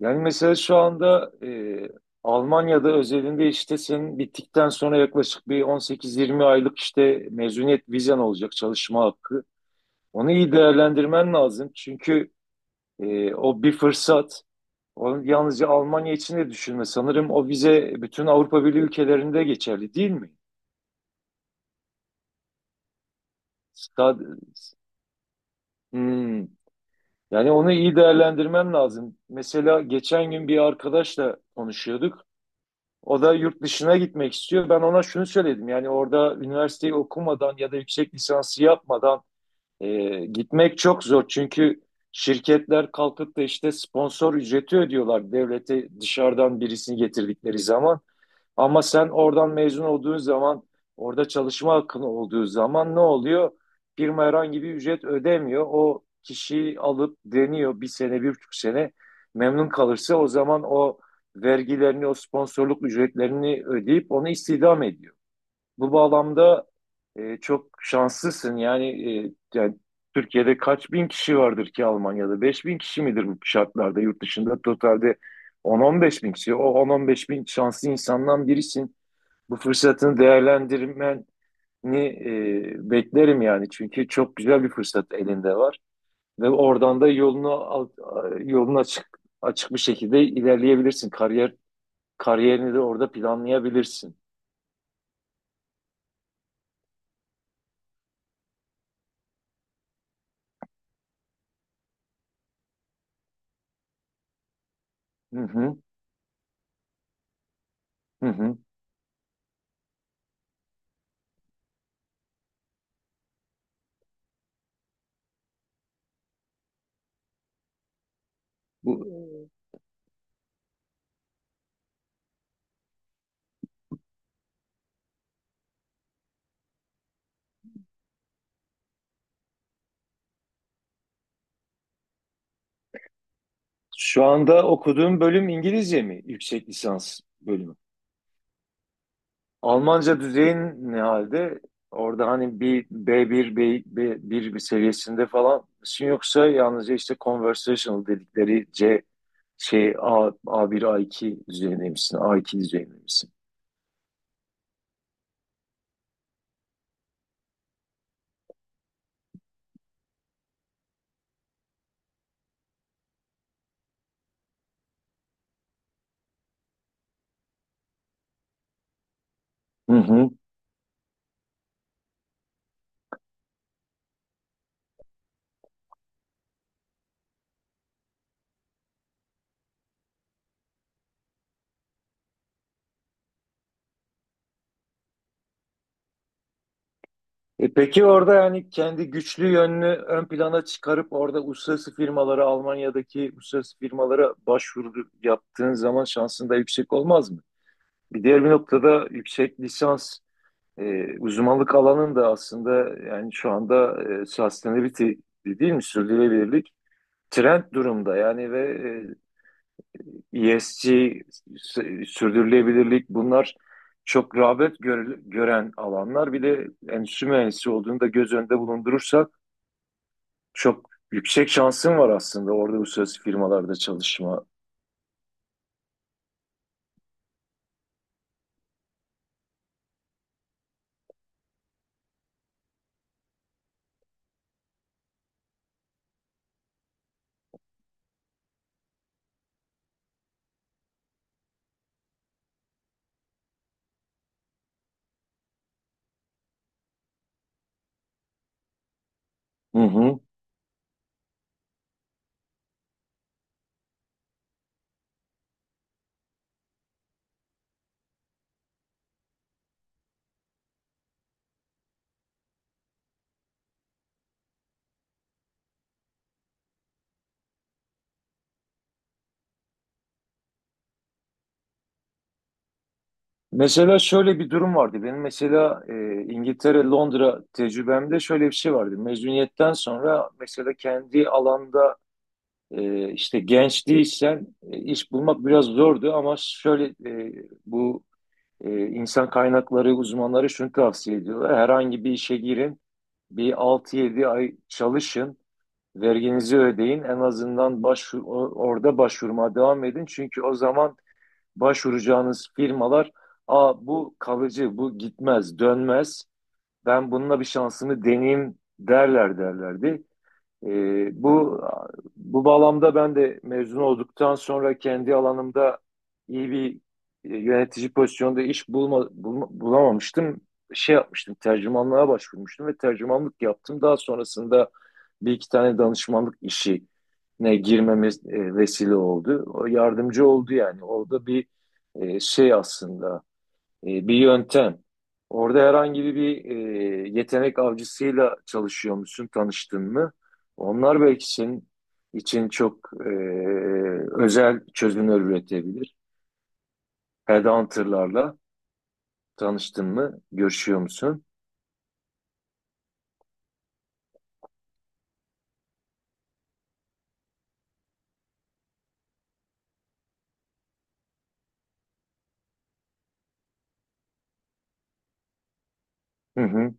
Yani mesela şu anda Almanya'da özelinde işte senin bittikten sonra yaklaşık bir 18-20 aylık işte mezuniyet vizen olacak çalışma hakkı. Onu iyi değerlendirmen lazım. Çünkü o bir fırsat. Onu yalnızca Almanya için de düşünme. Sanırım o vize bütün Avrupa Birliği ülkelerinde geçerli değil mi? Stad- Hmm. Yani onu iyi değerlendirmen lazım. Mesela geçen gün bir arkadaşla konuşuyorduk. O da yurt dışına gitmek istiyor. Ben ona şunu söyledim. Yani orada üniversiteyi okumadan ya da yüksek lisansı yapmadan gitmek çok zor. Çünkü şirketler kalkıp da işte sponsor ücreti ödüyorlar devlete dışarıdan birisini getirdikleri zaman. Ama sen oradan mezun olduğun zaman, orada çalışma hakkın olduğu zaman ne oluyor? Firma herhangi bir ücret ödemiyor. O kişiyi alıp deniyor bir sene, bir buçuk sene. Memnun kalırsa o zaman o vergilerini, o sponsorluk ücretlerini ödeyip onu istihdam ediyor. Bu bağlamda çok şanslısın. Yani, Türkiye'de kaç bin kişi vardır ki Almanya'da? 5 bin kişi midir bu şartlarda? Yurt dışında totalde 10-15 bin kişi. O 10-15 bin şanslı insandan birisin. Bu fırsatını değerlendirmeni beklerim yani. Çünkü çok güzel bir fırsat elinde var. Ve oradan da yolunu açık açık bir şekilde ilerleyebilirsin. Kariyerini de orada planlayabilirsin. Hı hı, hı hı. Bu Şu anda okuduğum bölüm İngilizce mi? Yüksek lisans bölümü. Almanca düzeyin ne halde? Orada hani bir B1 bir seviyesinde falan mısın, yoksa yalnızca işte conversational dedikleri A1, A2 düzeyinde misin? A2 düzeyinde misin? Hı hı. E peki, orada yani kendi güçlü yönünü ön plana çıkarıp orada uluslararası firmalara, Almanya'daki uluslararası firmalara başvuru yaptığın zaman şansın da yüksek olmaz mı? Bir diğer bir noktada yüksek lisans uzmanlık alanın da aslında, yani şu anda sustainability değil mi? Sürdürülebilirlik trend durumda yani ve ESG, sürdürülebilirlik bunlar çok gören alanlar. Bir de endüstri mühendisi olduğunu da göz önünde bulundurursak çok yüksek şansın var aslında orada uluslararası firmalarda çalışma. Hı hı. Mesela şöyle bir durum vardı. Benim mesela İngiltere, Londra tecrübemde şöyle bir şey vardı. Mezuniyetten sonra mesela kendi alanda işte genç değilsen iş bulmak biraz zordu, ama şöyle bu insan kaynakları uzmanları şunu tavsiye ediyorlar. Herhangi bir işe girin, bir 6-7 ay çalışın, verginizi ödeyin. En azından başvur, orada başvurmaya devam edin. Çünkü o zaman başvuracağınız firmalar, "Aa, bu kalıcı, bu gitmez, dönmez. Ben bununla bir şansımı deneyeyim," derlerdi. Ee, bu bu bağlamda ben de mezun olduktan sonra kendi alanımda iyi bir yönetici pozisyonda bulamamıştım. Şey yapmıştım, tercümanlığa başvurmuştum ve tercümanlık yaptım. Daha sonrasında bir iki tane danışmanlık işine girmemiz vesile oldu. O yardımcı oldu yani. Orada bir şey aslında, bir yöntem. Orada herhangi bir yetenek avcısıyla çalışıyor musun, tanıştın mı? Onlar belki senin için çok özel çözümler üretebilir. Headhunter'larla tanıştın mı, görüşüyor musun? Hı hı,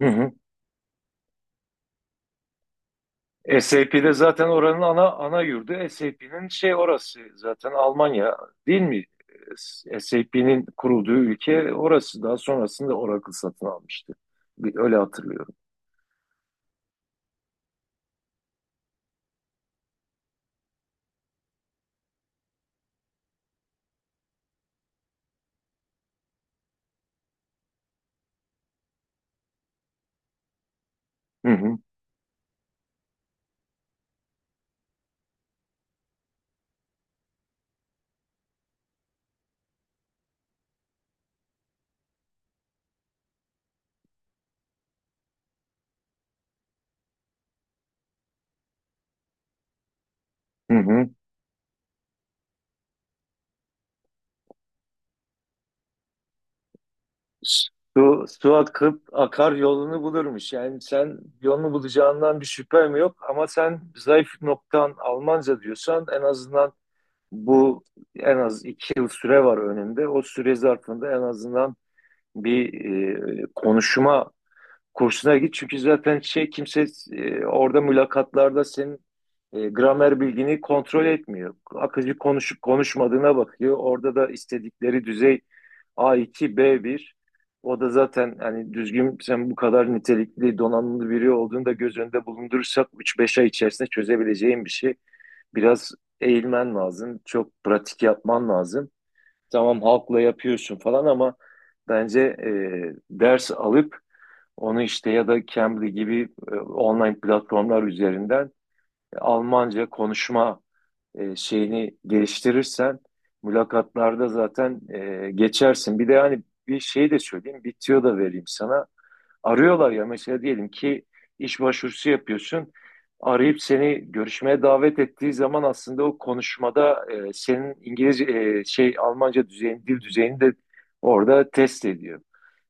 hı hı. SAP'de zaten oranın ana yurdu. SAP'nin şey orası zaten Almanya değil mi? SAP'nin kurulduğu ülke orası. Daha sonrasında Oracle satın almıştı. Bir, öyle hatırlıyorum. Hı hı. Hı hı. Su akıp akar yolunu bulurmuş. Yani sen yolunu bulacağından bir şüphem yok, ama sen zayıf noktan Almanca diyorsan, en azından bu en az 2 yıl süre var önünde. O süre zarfında en azından bir konuşma kursuna git, çünkü zaten şey kimse orada mülakatlarda senin gramer bilgini kontrol etmiyor. Akıcı konuşup konuşmadığına bakıyor. Orada da istedikleri düzey A2, B1. O da zaten hani düzgün, sen bu kadar nitelikli, donanımlı biri olduğunu da göz önünde bulundurursak 3-5 ay içerisinde çözebileceğin bir şey. Biraz eğilmen lazım, çok pratik yapman lazım. Tamam halkla yapıyorsun falan, ama bence ders alıp onu işte, ya da Cambly gibi online platformlar üzerinden Almanca konuşma şeyini geliştirirsen mülakatlarda zaten geçersin. Bir de hani bir şey de söyleyeyim, bir tüyo da vereyim sana. Arıyorlar ya, mesela diyelim ki iş başvurusu yapıyorsun. Arayıp seni görüşmeye davet ettiği zaman aslında o konuşmada senin İngilizce e, şey Almanca düzeyini, dil düzeyini de orada test ediyor.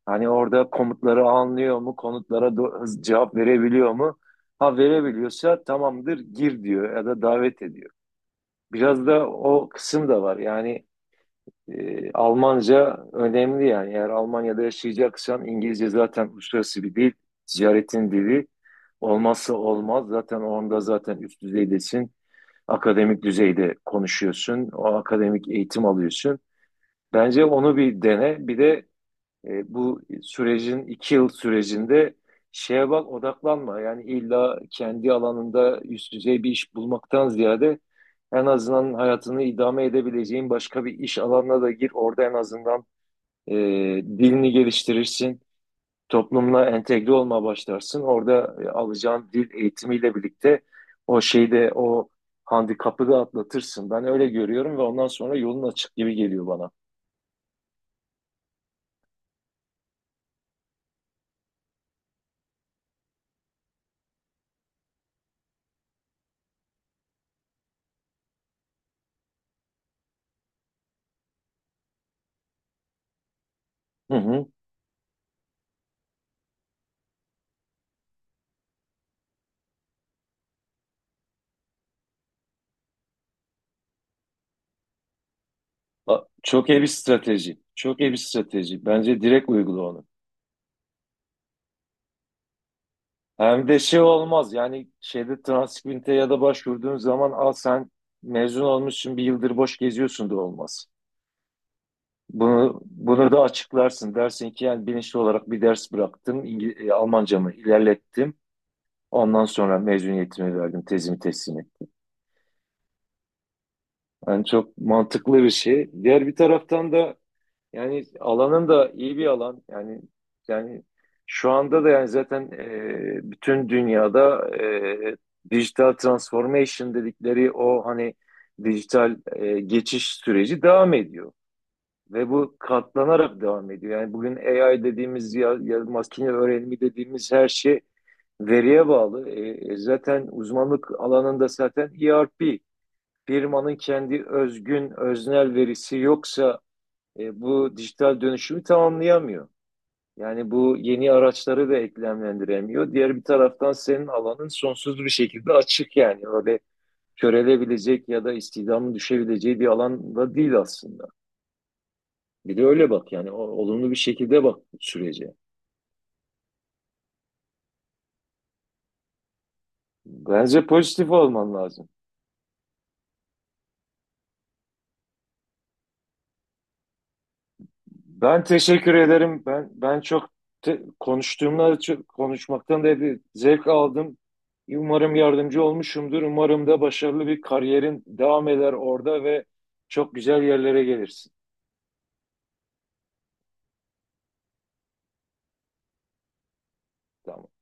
Hani orada komutları anlıyor mu? Konutlara cevap verebiliyor mu? Ha, verebiliyorsa tamamdır, gir diyor ya da davet ediyor. Biraz da o kısım da var. Yani Almanca önemli yani. Eğer Almanya'da yaşayacaksan, İngilizce zaten uluslararası bir dil. Ticaretin dili, olmazsa olmaz. Zaten onda zaten üst düzeydesin. Akademik düzeyde konuşuyorsun. O akademik eğitim alıyorsun. Bence onu bir dene. Bir de bu sürecin 2 yıl sürecinde şeye bak, odaklanma. Yani illa kendi alanında üst düzey bir iş bulmaktan ziyade en azından hayatını idame edebileceğin başka bir iş alanına da gir. Orada en azından e, dilini geliştirirsin. Toplumla entegre olmaya başlarsın. Orada alacağın dil eğitimiyle birlikte o şeyde o handikapı da atlatırsın. Ben öyle görüyorum ve ondan sonra yolun açık gibi geliyor bana. Hı hı. Çok iyi bir strateji. Çok iyi bir strateji. Bence direkt uygula onu. Hem de şey olmaz yani, şeyde transkripte ya da başvurduğun zaman, al sen mezun olmuşsun bir yıldır boş geziyorsun, da olmaz. Bunu da açıklarsın. Dersin ki, yani bilinçli olarak bir ders bıraktım. Almancamı ilerlettim. Ondan sonra mezuniyetimi verdim, tezimi teslim ettim. Yani çok mantıklı bir şey. Diğer bir taraftan da yani alanın da iyi bir alan. Yani, yani şu anda da yani zaten bütün dünyada dijital transformation dedikleri o hani dijital geçiş süreci devam ediyor. Ve bu katlanarak devam ediyor. Yani bugün AI dediğimiz ya, ya makine öğrenimi dediğimiz her şey veriye bağlı. Zaten uzmanlık alanında zaten ERP, firmanın kendi özgün öznel verisi yoksa bu dijital dönüşümü tamamlayamıyor. Yani bu yeni araçları da eklemlendiremiyor. Diğer bir taraftan senin alanın sonsuz bir şekilde açık yani. Öyle körelebilecek ya da istihdamın düşebileceği bir alanda değil aslında. Bir de öyle bak yani, olumlu bir şekilde bak sürece. Bence pozitif olman lazım. Ben teşekkür ederim. Ben çok te- konuştuğumla çok, konuşmaktan da bir zevk aldım. Umarım yardımcı olmuşumdur. Umarım da başarılı bir kariyerin devam eder orada ve çok güzel yerlere gelirsin. Tamam.